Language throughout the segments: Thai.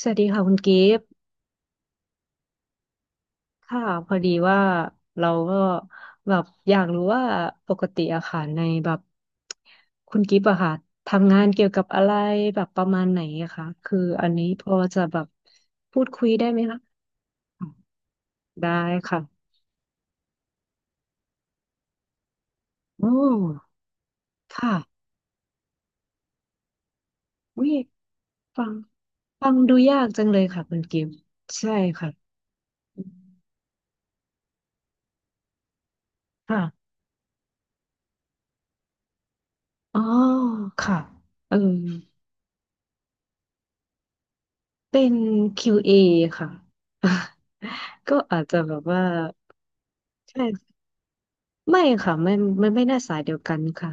สวัสดีค่ะคุณกิฟต์ค่ะพอดีว่าเราก็แบบอยากรู้ว่าปกติอะค่ะในแบบคุณกิฟต์อะค่ะทำงานเกี่ยวกับอะไรแบบประมาณไหนอะคะคืออันนี้พอจะแบบพูดคุยได้ไหมคะอ่ะได้ค่ะโอ้ค่ะวิฟังฟังดูยากจังเลยค่ะคุณกิฟต์ใช่ค่ะค่ะอ๋อค่ะเออ เป็น QA ค่ะ ก็อาจจะแบบว่าใช่ไม่ค่ะไม่ไม่ไม่น่าสายเดียวกันค่ะ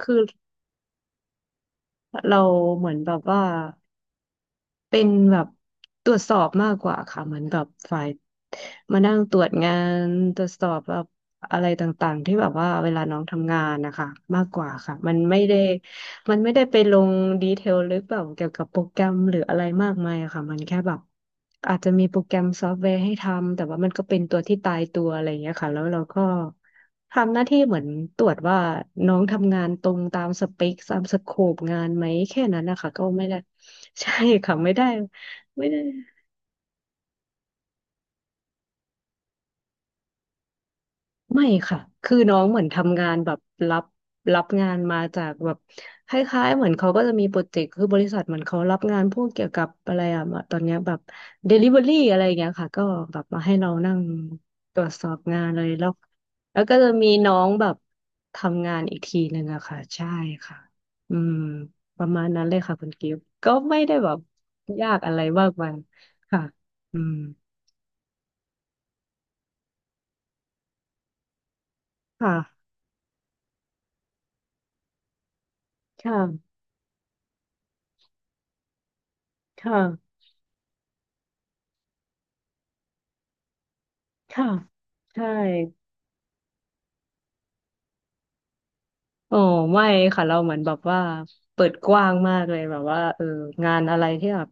คือเราเหมือนแบบว่าเป็นแบบตรวจสอบมากกว่าค่ะเหมือนแบบฝ่ายมานั่งตรวจงาน ตรวจสอบแบบอะไรต่างๆ ที่แบบว่าเวลาน้องทำงานนะคะมากกว่าค่ะมันไม่ได้ มันไม่ได้ไปลงดีเทลลึกแบบเกี่ยวกับโปรแกรมหรืออะไรมากมายอะค่ะมันแค่แบบอาจจะมีโปรแกรมซอฟต์แวร์ให้ทำแต่ว่ามันก็เป็นตัวที่ตายตัวอะไรอย่างเงี้ยค่ะแล้วเราก็ทำหน้าที่เหมือนตรวจว่าน้องทำงานตรงตามสเปคตามสโคปงานไหมแค่นั้นนะคะก็ไม่ได้ ใช่ค่ะไม่ได้ไม่ได้ ไม่ค่ะคือน้องเหมือนทำงานแบบรับงานมาจากแบบคล้ายๆเหมือนเขาก็จะมีโปรเจกต์คือบริษัทเหมือนเขารับงานพวกเกี่ยวกับอะไรอะตอนเนี้ยแบบ Delivery อะไรอย่างเงี้ยค่ะก็แบบมาให้เรานั่งตรวจสอบงานเลยแล้วแล้วก็จะมีน้องแบบทำงานอีกทีหนึ่งอะค่ะใช่ค่ะอืมประมาณนั้นเลยค่ะคุณกิฟต์ก็ไม่ได้แบบยากอะไรมากมายค่ะอืมค่ะค่ะค่ะค่ะใช่ อ๋อไม่ค่ะเราเหมือนแบบว่าเปิดกว้างมากเลยแบบว่าเอองานอะไรที่แบบ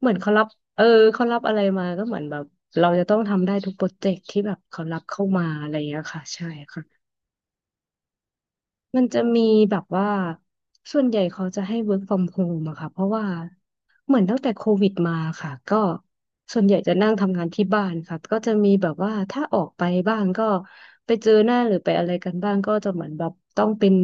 เหมือนเขารับเออเขารับอะไรมาก็เหมือนแบบเราจะต้องทำได้ทุกโปรเจกต์ที่แบบเขารับเข้ามาอะไรอย่างเงี้ยค่ะใช่ค่ะ มันจะมีแบบว่าส่วนใหญ่เขาจะให้ work from home อะค่ะเพราะว่าเหมือนตั้งแต่โควิดมาค่ะก็ส่วนใหญ่จะนั่งทำงานที่บ้านค่ะก็จะมีแบบว่าถ้าออกไปบ้างก็ไปเจอหน้าหรือไปอะไรกันบ้างก็จะเหมือนแบบต้องเป็น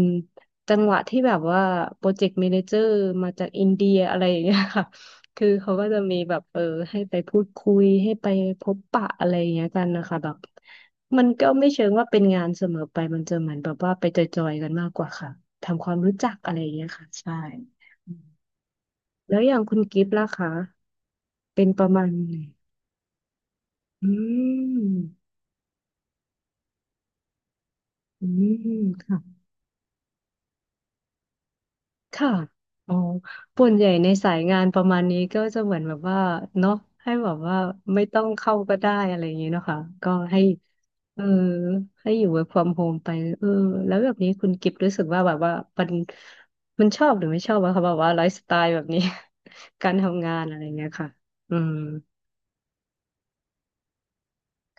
จังหวะที่แบบว่าโปรเจกต์ a ม a นเจอร์มาจากอินเดียอะไรอย่างเงี้ยค่ะ คือเขาก็จะมีแบบเออให้ไปพูดคุยให้ไปพบปะอะไรอย่างเงี้ยกันนะคะแบบ มันก็ไม่เชิงว่าเป็นงานเสมอไปมันจะเหมือนแบบว่าไปจอยๆกันมากกว่าค่ะทำความรู้จักอะไรอย่างเงี้ยค่ะใช่อืมแล้วอย่างคุณกิฟต์ล่ะคะเป็นประมาณไหนอืมอืมค่ะ ค่ะอ๋อส่วนใหญ่ในสายงานประมาณนี้ก็จะเหมือนแบบว่าเนาะให้แบบว่าไม่ต้องเข้าก็ได้อะไรอย่างนี้เนาะค่ะก็ให้เออให้อยู่ work from home ไปเออแล้วแบบนี้คุณกิฟต์รู้สึกว่าแบบว่ามันชอบหรือไม่ชอบอะคะแบบว่าไลฟ์สไตล์แบบนี้ การทำงานอะไรเงี้ยค่ะอืม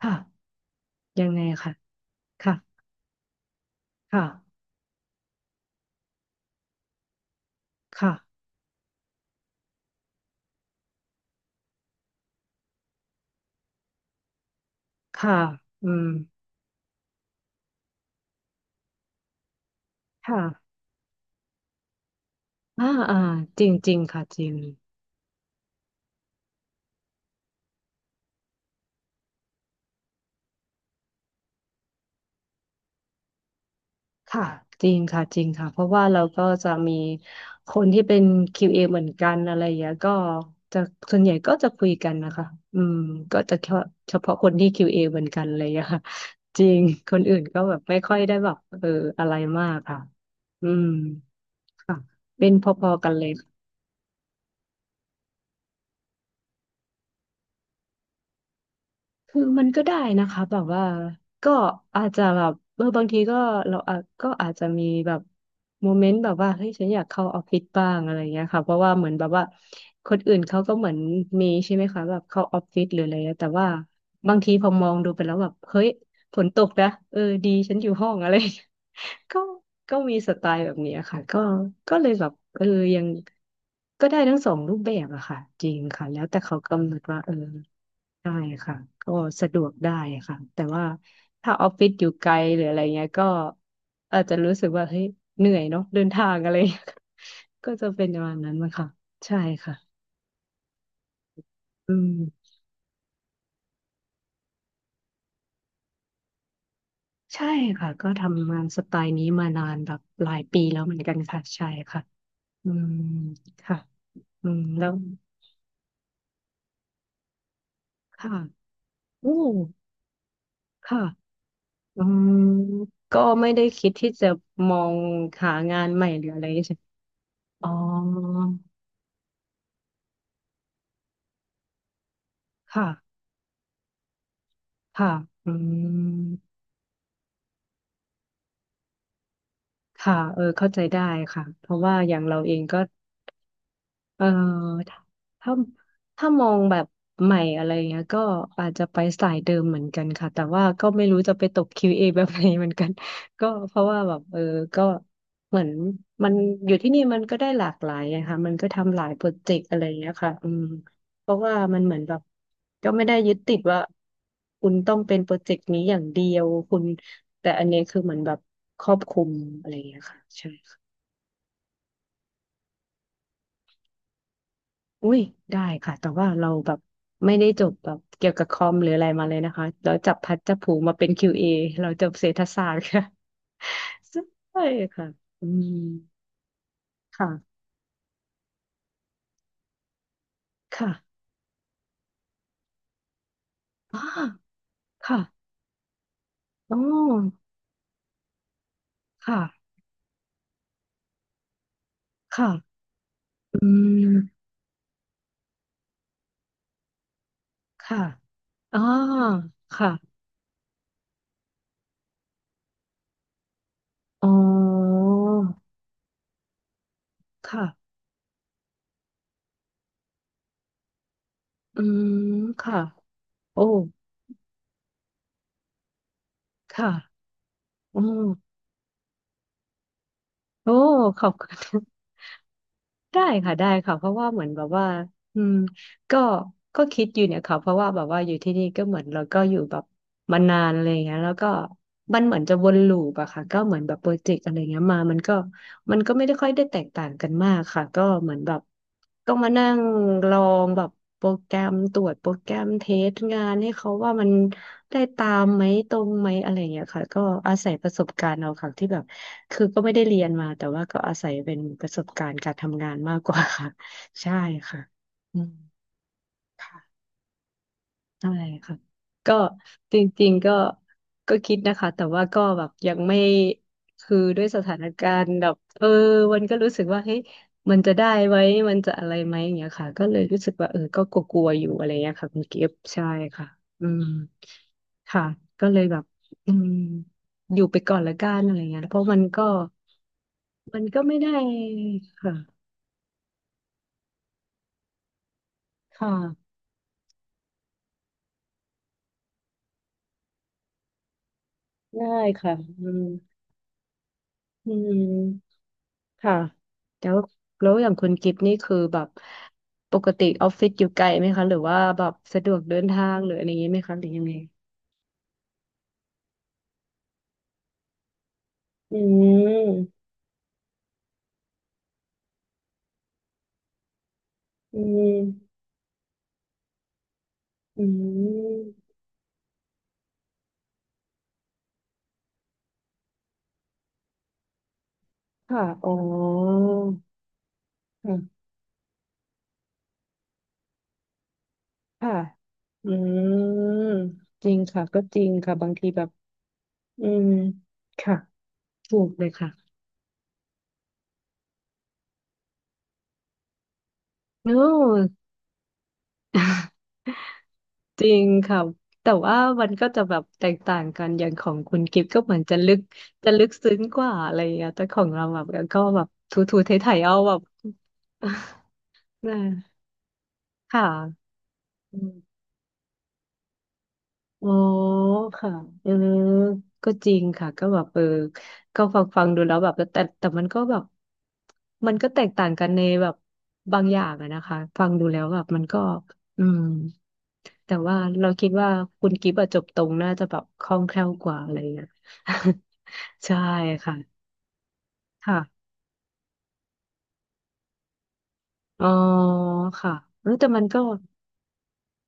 ค่ะยังไงค่ะค่ะค่ะค่ะค่ะอืมค่ะอ่าอ่าจริงจริงค่ะจริง ค่ะจริงค่ะจริงค่ะเพราะว่าเราก็จะมีคนที่เป็น QA เอเหมือนกันอะไรอย่างเงี้ยก็จะส่วนใหญ่ก็จะคุยกันนะคะอืมก็จะเฉพาะคนที่ QA เอเหมือนกันอะไรอย่างเงี้ยค่ะจริงคนอื่นก็แบบไม่ค่อยได้แบบเอออะไรมากค่ะอืมค่ะเป็นพอๆกันเลย คือมันก็ได้นะคะแบบว่าก็อาจจะแบบเออบางทีก็เราอาจก็อาจจะมีแบบโมเมนต์แบบว่าเฮ้ยฉันอยากเข้าออฟฟิศบ้างอะไรเงี้ยค่ะเพราะว่าเหมือนแบบว่าคนอื่นเขาก็เหมือนมีใช่ไหมคะแบบเข้าออฟฟิศหรืออะไรเงี้ยแต่ว่าบางทีพอมองดูไปแล้วแบบเฮ้ยฝนตกนะเออดีฉันอยู่ห้องอะไร ก็มีสไตล์แบบเนี้ยค่ะก็เลยแบบเออยังก็ได้ทั้งสองรูปแบบอะค่ะจริงค่ะแล้วแต่เขากำหนดว่าเออ ได้ค่ะก็สะดวกได้ค่ะแต่ว่าถ้าออฟฟิศอยู่ไกลหรืออะไรเงี้ยก็อาจจะรู้สึกว่าเฮ้ยเหนื่อยเนาะเดินทางอะไรเงี้ย ก็จะเป็นประมาณนั้นมั้งค่ะใช่ค่ะอืมใช่ค่ะก็ทำงานสไตล์นี้มานานแบบหลายปีแล้วเหมือนกันค่ะใช่ค่ะอืมค่ะอืมแล้วค่ะอู้ค่ะอืมก็ไม่ได้คิดที่จะมองหางานใหม่หรืออะไรใช่ไหมอ๋อค่ะ ค่ะอืมค่ะเออเข้าใจได้ค่ะ เพราะว่าอย่างเราเองก็ เออถ้าถ้าถ้ามองแบบใหม่อะไรเงี้ยก็อาจจะไปสายเดิมเหมือนกันค่ะแต่ว่าก็ไม่รู้จะไปตก QA แบบไหนเหมือนกัน ก็เพราะว่าแบบก็เหมือนมันอยู่ที่นี่มันก็ได้หลากหลายอะค่ะมันก็ทำหลายโปรเจกต์อะไรเงี้ยค่ะอืมเพราะว่ามันเหมือนแบบก็ไม่ได้ยึดติดว่าคุณต้องเป็นโปรเจกต์นี้อย่างเดียวคุณแต่อันนี้คือเหมือนแบบครอบคลุมอะไรเงี้ยค่ะใช่ อุ้ยได้ค่ะแต่ว่าเราแบบไม่ได้จบแบบเกี่ยวกับคอมหรืออะไรมาเลยนะคะเราจับพัดจับผูมาเป็น QA เอเราจบเศรษฐศาสตร์ค่ะ ใช่ค่ะอืมค่ะค่ะอ้าค่ะอ๋อค่ะค่ะอืมค่ะอ่าค่ะอ๋อค่ะอืมค่ะโอ้ค่ะโอโอ้ขอบคุณ ได้ค่ะได้ค่ะเพราะว่าเหมือนแบบว่าอืม ก็ก็คิดอยู่เนี่ยค่ะเพราะว่าแบบว่าอยู่ที่นี่ก็เหมือนเราก็อยู่แบบมานานอะไรอย่างเงี้ยแล้วก็มันเหมือนจะวนลูปอะค่ะก็เหมือนแบบโปรเจกต์อะไรเงี้ยมามันก็ไม่ได้ค่อยได้แตกต่างกันมากค่ะก็เหมือนแบบต้องมานั่งลองแบบโปรแกรมตรวจโปรแกรมเทสงานให้เขาว่ามันได้ตามไหมตรงไหมอะไรเงี้ยค่ะก็อาศัยประสบการณ์เอาค่ะที่แบบคือก็ไม่ได้เรียนมาแต่ว่าก็อาศัยเป็นประสบการณ์การทำงานมากกว่าค่ะใช่ค่ะอืม ค่ะใช่ค่ะก็จริงๆก็คิดนะคะแต่ว่าก็แบบยังไม่คือด้วยสถานการณ์แบบมันก็รู้สึกว่าเฮ้ยมันจะได้ไหมมันจะอะไรไหมอย่างเงี้ยค่ะก็เลยรู้สึกว่าก็กลัวๆอยู่อะไรเงี้ยค่ะคุณกิฟต์ใช่ค่ะอืมค่ะก็เลยแบบอืมอยู่ไปก่อนละกันอะไรเงี้ยเพราะมันก็ไม่ได้ค่ะค่ะได้ค่ะอืมอืม ค่ะแล้วแล้วอย่างคุณกิฟต์นี่คือแบบปกติออฟฟิศอยู่ไกลไหมคะหรือว่าแบบสะดวกเดินทางหรืออะไรอย่างนี้ไหมคะหรือยังไงอืมอืมอืมค่ะอ๋อค่ะค่ะอืมจริงค่ะก็จริงค่ะบางทีแบบอืมค่ะถูกเลยค่ะโน้ จริงค่ะแต่ว่ามันก็จะแบบแตกต่างกันอย่างของคุณกิฟก็เหมือนจะลึกซึ้งกว่าอะไรอย่างเงี้ยแต่ของเราแบบก็แบบทูทูไทยๆเอาแบบ นะค่ะอืมอ๋อค่ะเออก็จริงค่ะก็แบบก็ฟังดูแล้วแบบแต่มันก็แบบมันก็แตกต่างกันในแบบบางอย่างอะนะคะฟังดูแล้วแบบมันก็อืม แต่ว่าเราคิดว่าคุณกิฟต์อะจบตรงน่าจะแบบคล่องแคล่วกว่าอะไรเงี้ย ใช่ค่ะค่ะอ๋อค่ะเออแต่มันก็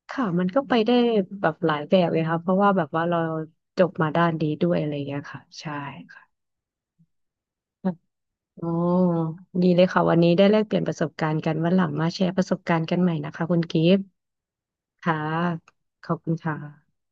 ค่ะมันก็ไปได้แบบหลายแบบเลยค่ะเพราะว่าแบบว่าเราจบมาด้านนี้ด้วยอะไรเงี้ยค่ะใช่ค่ะอ๋อดีเลยค่ะวันนี้ได้แลกเปลี่ยนประสบการณ์กันวันหลังมาแชร์ประสบการณ์กันใหม่นะคะคุณกิฟต์ค่ะขอบคุณค่ะ